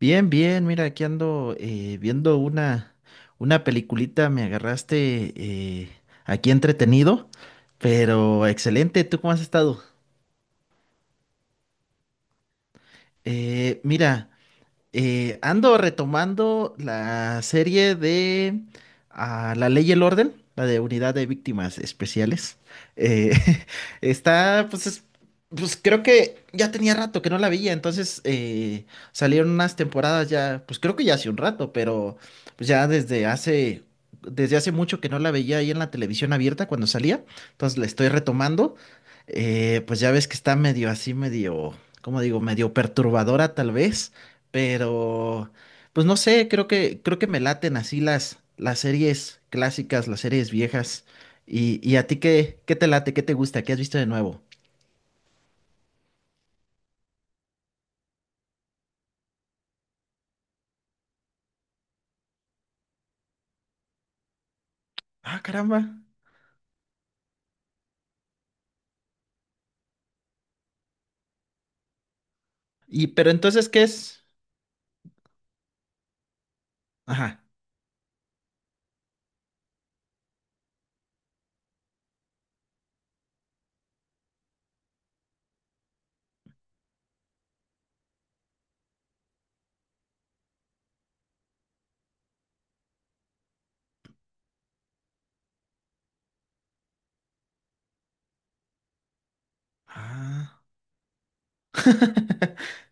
Bien, bien, mira, aquí ando viendo una peliculita, me agarraste aquí entretenido, pero excelente, ¿tú cómo has estado? Mira. Ando retomando la serie de La Ley y el Orden, la de Unidad de Víctimas Especiales. Eh, está, pues, pues creo que ya tenía rato que no la veía, entonces salieron unas temporadas ya, pues creo que ya hace un rato, pero pues, ya desde hace mucho que no la veía ahí en la televisión abierta cuando salía, entonces la estoy retomando. Pues ya ves que está medio así, medio, ¿cómo digo? Medio perturbadora tal vez pero, pues no sé, creo que me laten así las series clásicas, las series viejas. Y a ti qué te late, qué te gusta, qué has visto de nuevo. Ah, caramba. Y, pero entonces, ¿qué es? Ajá. Ah.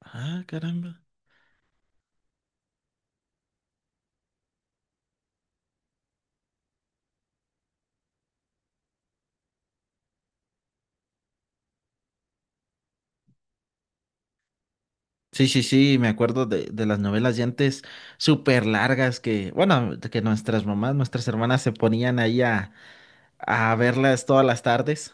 Ah, caramba. Sí, sí, sí, me acuerdo de las novelas de antes súper largas que, bueno, de que nuestras mamás, nuestras hermanas se ponían a verlas todas las tardes.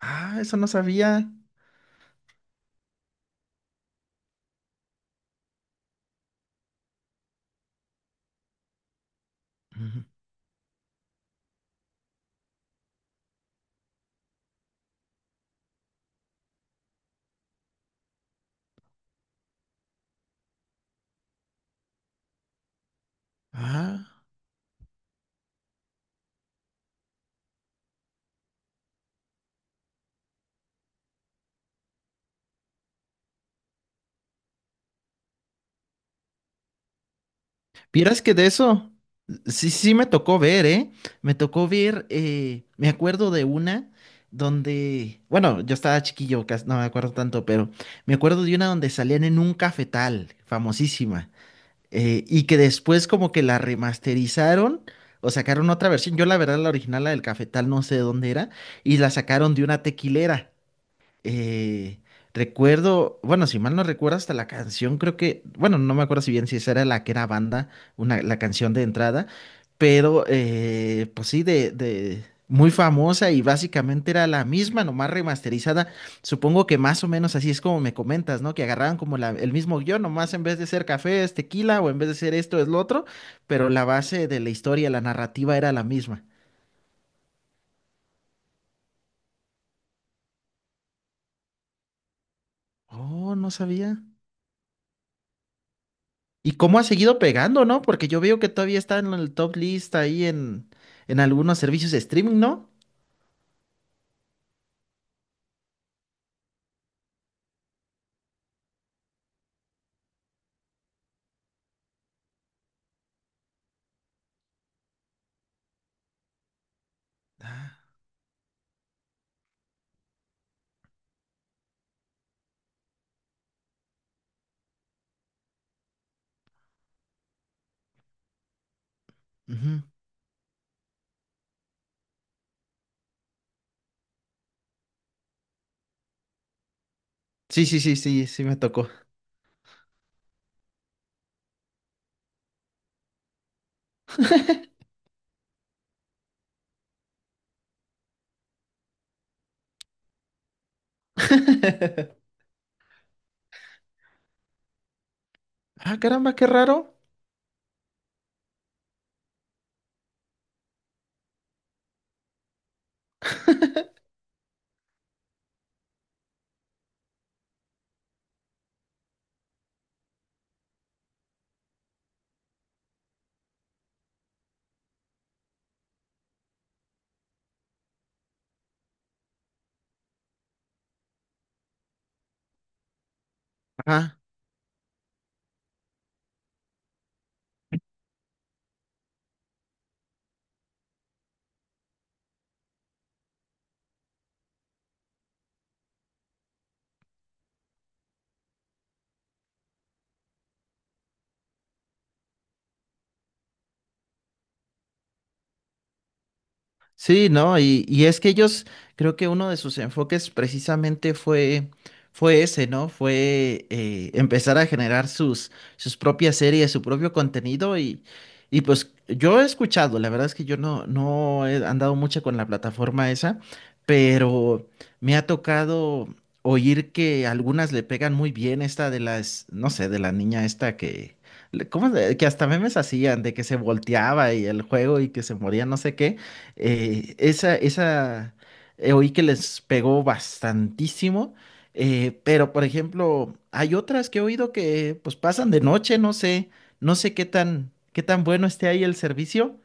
Ah, eso no sabía. Ujú. Ah. Vieras que de eso, sí, sí me tocó ver, ¿eh? Me tocó ver, me acuerdo de una donde, bueno, yo estaba chiquillo, no me acuerdo tanto, pero me acuerdo de una donde salían en un cafetal, famosísima, y que después como que la remasterizaron o sacaron otra versión. Yo la verdad la original, la del cafetal, no sé de dónde era, y la sacaron de una tequilera. Eh, recuerdo, bueno, si mal no recuerdo, hasta la canción, creo que, bueno, no me acuerdo si bien si esa era la que era banda, una, la canción de entrada, pero pues sí, de muy famosa y básicamente era la misma, nomás remasterizada. Supongo que más o menos así es como me comentas, ¿no? Que agarraban como la, el mismo guión, nomás en vez de ser café es tequila o en vez de ser esto es lo otro, pero la base de la historia, la narrativa era la misma. Oh, no sabía. ¿Y cómo ha seguido pegando, no? Porque yo veo que todavía está en el top list ahí en algunos servicios de streaming, ¿no? Ujú. Sí, sí, sí, sí, sí me tocó. Ah, caramba, qué raro. Ajá. Sí, ¿no? Y es que ellos, creo que uno de sus enfoques precisamente fue, fue ese, ¿no? Fue empezar a generar sus, sus propias series, su propio contenido y pues yo he escuchado, la verdad es que yo no, no he andado mucho con la plataforma esa, pero me ha tocado oír que algunas le pegan muy bien esta de las, no sé, de la niña esta que... ¿Cómo? ¿Es? Que hasta memes hacían de que se volteaba y el juego y que se moría, no sé qué. Eh, esa, esa, oí que les pegó bastantísimo, pero por ejemplo, hay otras que he oído que pues pasan de noche, no sé, no sé qué tan bueno esté ahí el servicio.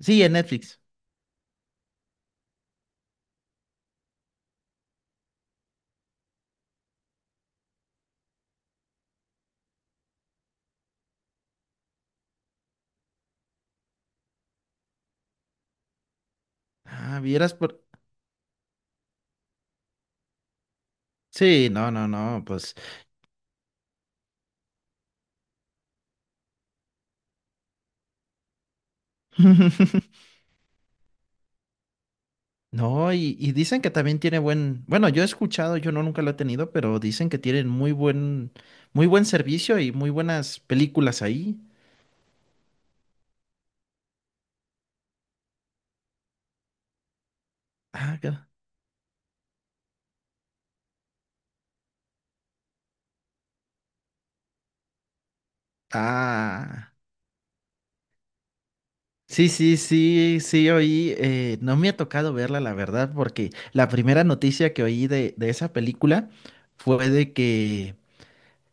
Sí, en Netflix. Ah, vieras por... Sí, no, no, no, pues... No, y dicen que también tiene buen, bueno, yo he escuchado, yo no nunca lo he tenido, pero dicen que tienen muy muy buen servicio y muy buenas películas ahí. Ah, qué- ah. Sí, sí, sí, sí, oí, no me ha tocado verla, la verdad, porque la primera noticia que oí de esa película fue de que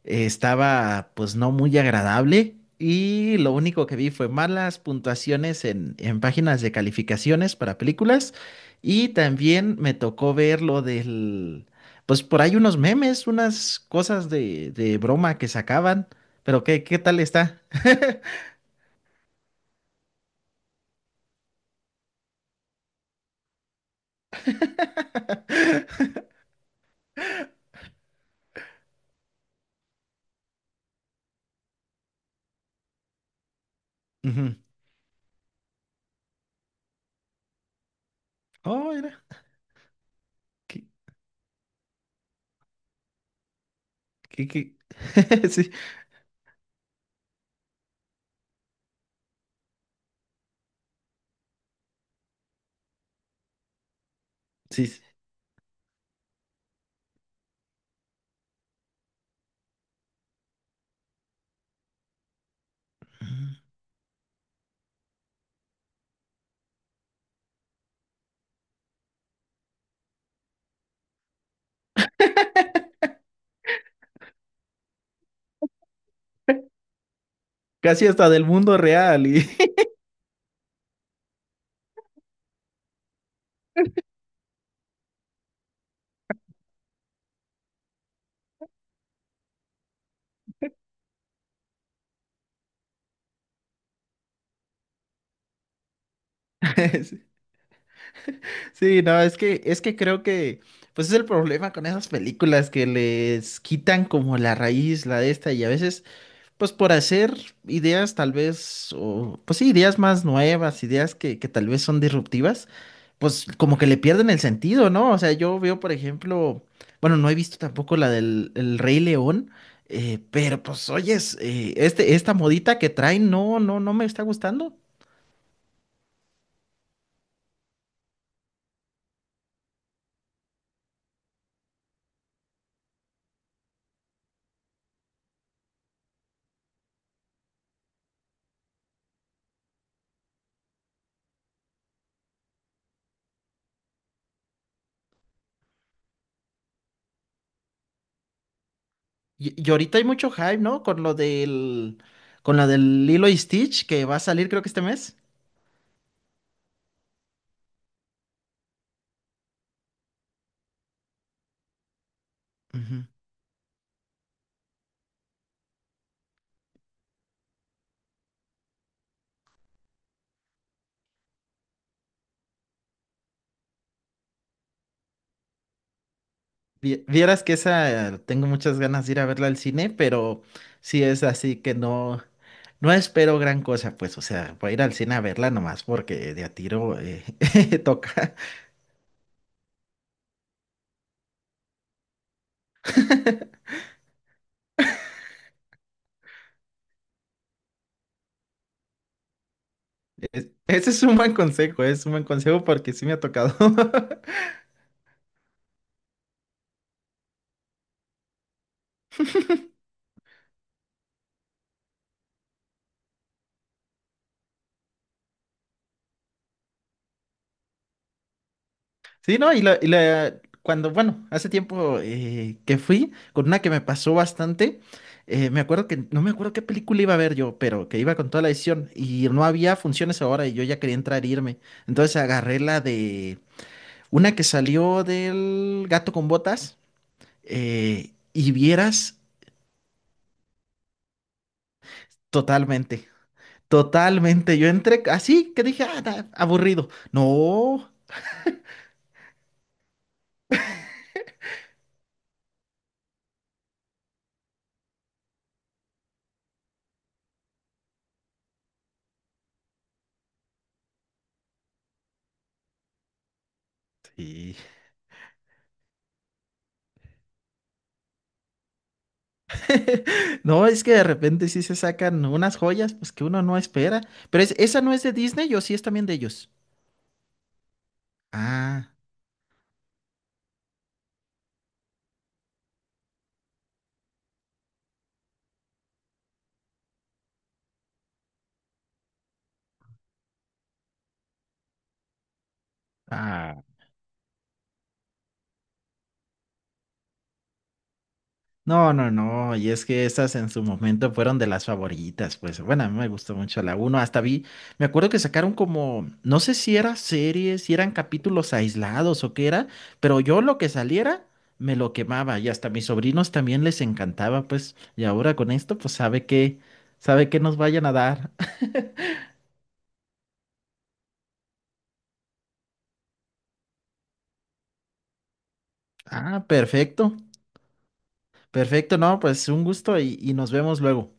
estaba pues no muy agradable y lo único que vi fue malas puntuaciones en páginas de calificaciones para películas y también me tocó ver lo del, pues por ahí unos memes, unas cosas de broma que sacaban, pero ¿qué, qué tal está? Ujú. Oh, mira. ¿Qué, qué? Sí, sí. Sí. Casi hasta del mundo real. Y... Sí, sí, no, es que creo que, pues es el problema con esas películas que les quitan como la raíz, la de esta, y a veces pues por hacer ideas tal vez, o pues sí, ideas más nuevas, ideas que tal vez son disruptivas, pues como que le pierden el sentido, ¿no? O sea, yo veo, por ejemplo, bueno, no he visto tampoco la del el Rey León, pero pues oyes, esta modita que traen, no, no, no me está gustando. Y ahorita hay mucho hype, ¿no? Con lo del, con la del Lilo y Stitch que va a salir creo que este mes. Ujú. Vieras que esa tengo muchas ganas de ir a verla al cine, pero sí es así que no, no espero gran cosa, pues, o sea, voy a ir al cine a verla nomás porque de a tiro toca. Ese es un buen consejo, es un buen consejo porque sí me ha tocado. Sí, ¿no? Cuando, bueno, hace tiempo que fui con una que me pasó bastante, me acuerdo que, no me acuerdo qué película iba a ver yo, pero que iba con toda la edición y no había funciones ahora y yo ya quería entrar e irme. Entonces agarré la de una que salió del Gato con Botas y vieras. Totalmente, totalmente. Yo entré así que dije, ah, aburrido. No. Sí. No, es que de repente sí se sacan unas joyas, pues que uno no espera. Pero esa no es de Disney o sí es también de ellos. Ah. Ah, no, no, no. Y es que esas en su momento fueron de las favoritas. Pues bueno, a mí me gustó mucho la uno. Hasta vi, me acuerdo que sacaron como, no sé si era series, si eran capítulos aislados o qué era, pero yo lo que saliera me lo quemaba. Y hasta a mis sobrinos también les encantaba, pues. Y ahora con esto, pues sabe que nos vayan a dar. Ah, perfecto. Perfecto, no, pues un gusto y nos vemos luego.